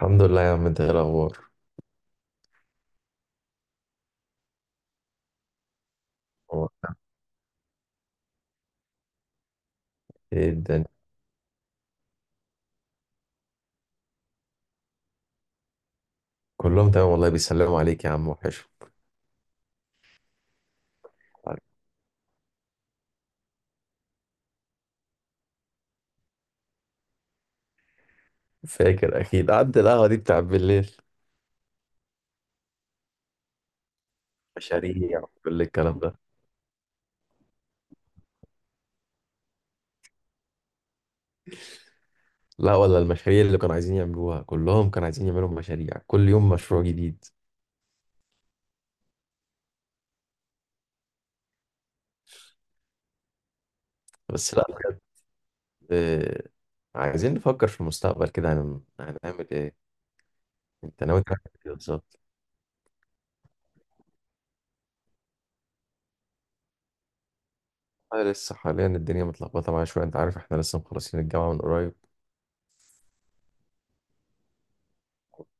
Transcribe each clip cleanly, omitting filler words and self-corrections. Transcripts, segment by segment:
الحمد لله يا عم، انت ايه الاخبار؟ هو ايه الدنيا؟ كلهم تمام والله، بيسلموا عليك يا عم، وحش. فاكر اكيد قعدت القهوه دي بتاع بالليل؟ مشاريع كل الكلام ده. لا، ولا المشاريع اللي كانوا عايزين يعملوها، كلهم كانوا عايزين يعملوا مشاريع، كل يوم مشروع جديد. بس لا بجد. اه، عايزين نفكر في المستقبل كده، هنعمل ايه. انت ناوي تعمل ايه بالظبط؟ اه، لسه حاليا الدنيا متلخبطه معايا شويه، انت عارف احنا لسه مخلصين الجامعه من قريب.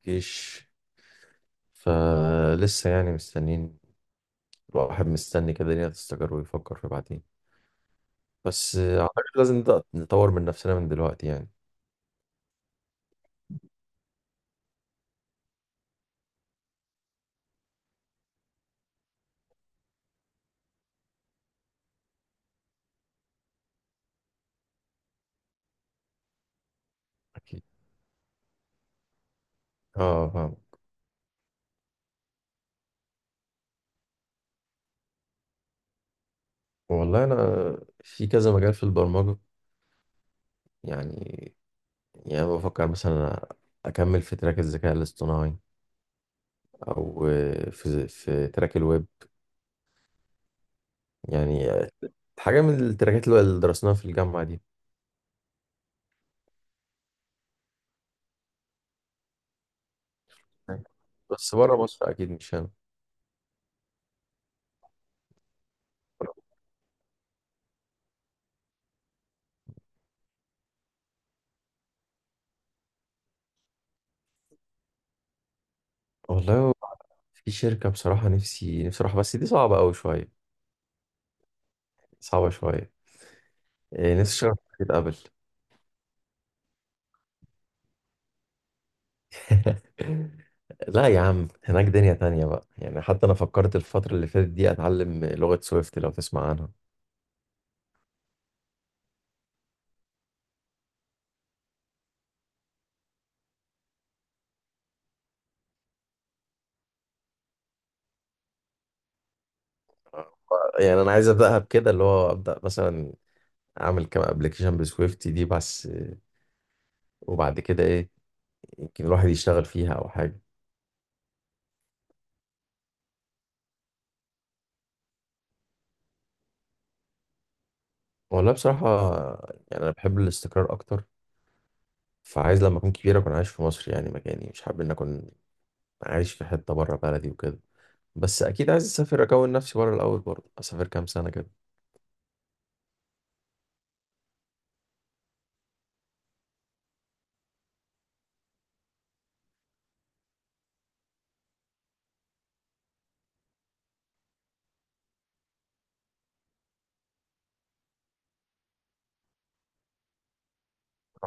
جيش، فلسه يعني مستنيين. الواحد مستني كده الدنيا تستقر ويفكر في بعدين. بس اعتقد لازم نبدأ نطور من نفسنا من دلوقتي يعني. اكيد، اه فاهم. والله انا في كذا مجال في البرمجة. يعني يعني بفكر مثلا اكمل في تراك الذكاء الاصطناعي، او في تراك الويب. يعني حاجة من التراكات اللي درسناها في الجامعة دي، بس بره مصر اكيد، مش هنا. والله، في شركة بصراحة نفسي نفسي أروحها، بس دي صعبة أوي شوية. صعبة شوية. إيه، نفسي أشتغل في شركة أبل. لا يا عم، هناك دنيا تانية بقى يعني. حتى أنا فكرت الفترة اللي فاتت دي أتعلم لغة سويفت، لو تسمع عنها. يعني أنا عايز أبدأها بكده، اللي هو أبدأ مثلا أعمل كام أبلكيشن بسويفت دي بس، وبعد كده إيه، يمكن الواحد يشتغل فيها أو حاجة. والله بصراحة، يعني أنا بحب الاستقرار أكتر. فعايز لما أكون كبير أكون عايش في مصر، يعني مكاني، مش حابب إن أكون عايش في حتة بره بلدي وكده. بس أكيد عايز أسافر، أكون نفسي بره الأول برضه، أسافر كام سنة كده.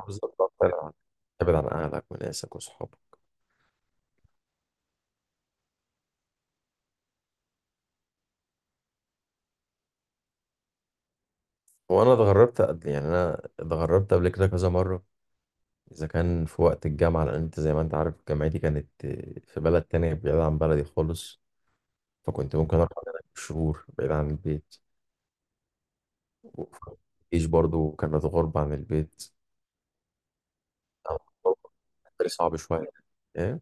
بالظبط، اه، فعلا. ابعد عن اهلك وناسك وصحابك. وانا اتغربت قبل، يعني انا اتغربت قبل كده كذا مره، اذا كان في وقت الجامعه، لان انت زي ما انت عارف جامعتي كانت في بلد تانية بعيد عن بلدي خالص. فكنت ممكن اقعد هناك شهور بعيد عن البيت، وفيش برضو كانت غربة عن البيت. كان بالنسبة لي صعب شويه. ايه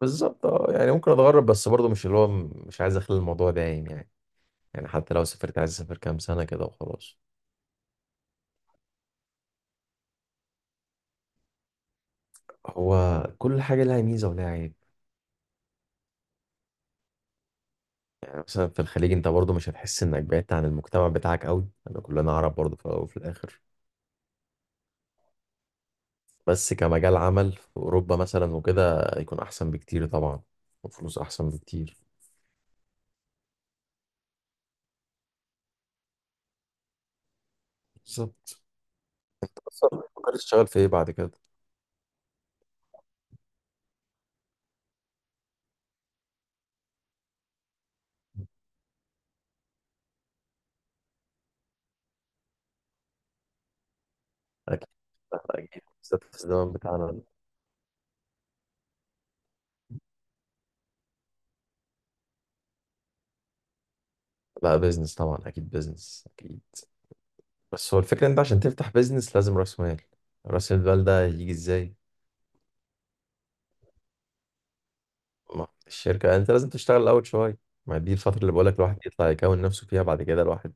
بالظبط، اه يعني ممكن اتغرب بس برضو مش اللي هو، مش عايز اخلي الموضوع دايم يعني. يعني حتى لو سافرت عايز اسافر كام سنه كده وخلاص. هو كل حاجه لها ميزه ولها عيب. مثلا في الخليج انت برضو مش هتحس انك بعدت عن المجتمع بتاعك قوي، انا كلنا عرب برضو في الاول وفي الاخر. بس كمجال عمل في اوروبا مثلا وكده يكون احسن بكتير طبعا، وفلوس احسن بكتير. بالظبط. اصلا فكرت تشتغل في ايه بعد كده؟ اكيد، اكيد، بالذات في الزمن بتاعنا ده. لا، بيزنس طبعا، اكيد بيزنس اكيد. بس هو الفكره انت عشان تفتح بيزنس لازم راس مال. راس المال ده يجي ازاي؟ ما الشركه، انت لازم تشتغل الاول شويه. ما دي الفتره اللي بقولك الواحد يطلع يكون نفسه فيها، بعد كده الواحد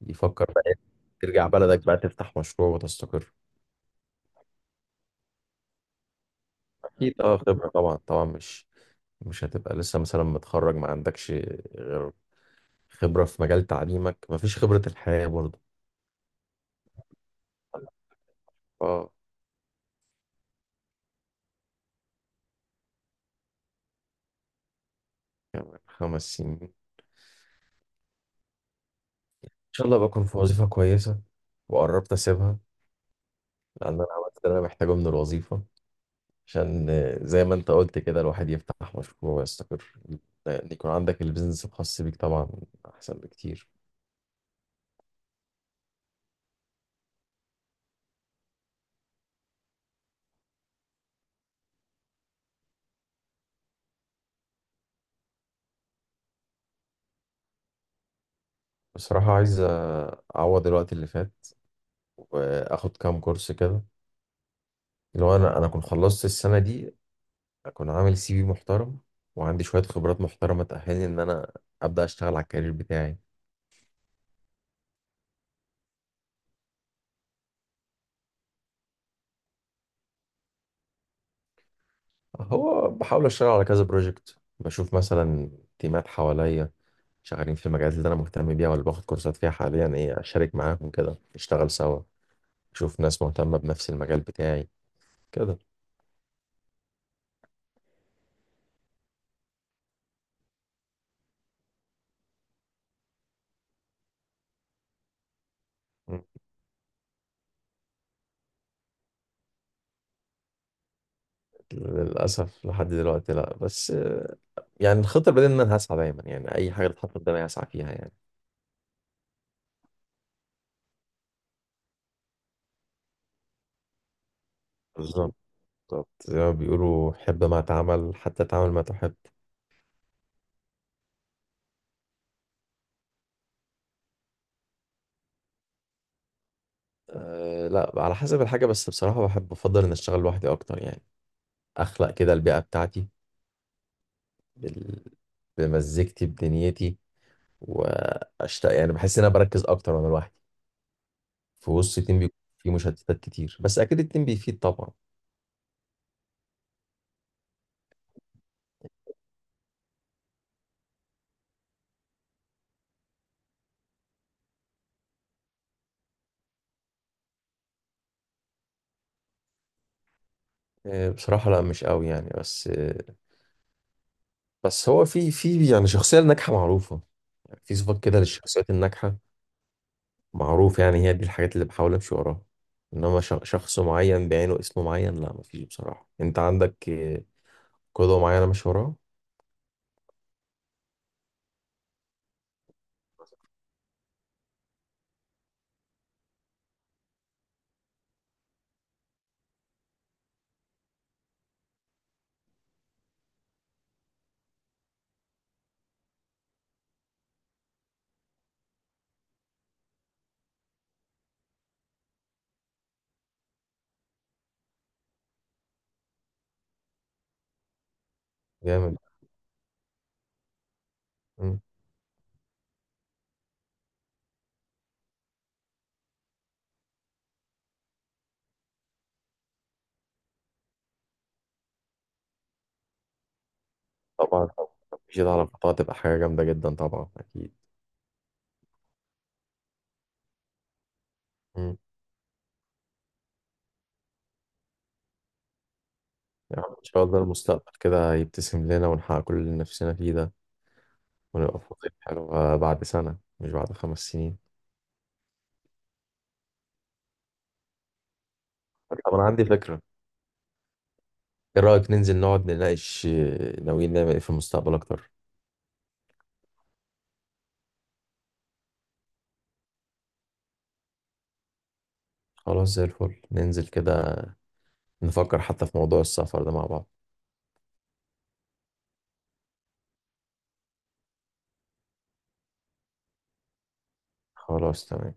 يفكر بقى ترجع بلدك بقى تفتح مشروع وتستقر. اكيد، اه خبرة طبعا، طبعا مش هتبقى لسه مثلا متخرج ما عندكش غير خبرة في مجال تعليمك، ما فيش خبرة الحياة برضه. اه، 5 سنين ان شاء الله بكون في وظيفة كويسة، وقربت اسيبها. لان انا عملت اللي انا محتاجه من الوظيفة، عشان زي ما انت قلت كده الواحد يفتح مشروع ويستقر. لان يكون عندك البيزنس الخاص بيك طبعا احسن بكتير. بصراحة عايز اعوض الوقت اللي فات، واخد كام كورس كده. لو انا كنت خلصت السنه دي، اكون عامل CV محترم وعندي شويه خبرات محترمه تاهلني ان انا ابدا اشتغل على الكارير بتاعي. هو بحاول اشتغل على كذا بروجكت، بشوف مثلا تيمات حواليا شغالين في المجالات اللي انا مهتم بيها، ولا باخد كورسات فيها حاليا، ايه اشارك معاهم كده نشتغل سوا. اشوف ناس مهتمه بنفس المجال بتاعي كده. م. للاسف لحد دلوقتي لا، بس يعني الخطه البديهيه ان انا هسعى دايما، يعني اي حاجه تتحط قدامي هسعى فيها يعني. بالظبط، بالظبط، زي ما بيقولوا: حب ما تعمل حتى تعمل ما تحب. أه لا، على حسب الحاجة، بس بصراحة بحب أفضل إن أشتغل لوحدي أكتر يعني، أخلق كده البيئة بتاعتي، بال... بمزيكتي بدنيتي. وأشتاق يعني، بحس إن أنا بركز أكتر وأنا لوحدي. في وسط التيم بيكون في مشتتات كتير، بس أكيد التيم بيفيد طبعا. أه بصراحة لا مش قوي يعني، بس أه. بس هو في يعني شخصية ناجحة معروفة، يعني في صفات كده للشخصيات الناجحة، معروف يعني. هي دي الحاجات اللي بحاول امشي وراها، انما شخص معين بعينه، اسم معين، لا مفيش بصراحة. انت عندك قدوة معينة ماشي وراها؟ جامد. مم. طبعا، طبعاً. مفيش ده على فترة تبقى حاجة جامدة جدا طبعا، اكيد. مم. يعني ان شاء الله المستقبل كده يبتسم لنا، ونحقق كل اللي نفسنا فيه ده، ونبقى في وظيفة حلوة بعد سنة، مش بعد 5 سنين. طب انا عندي فكرة. ايه رأيك ننزل نقعد نناقش ناويين نعمل ايه في المستقبل اكتر؟ خلاص زي الفل، ننزل كده، نفكر حتى في موضوع السفر ده مع بعض. خلاص تمام.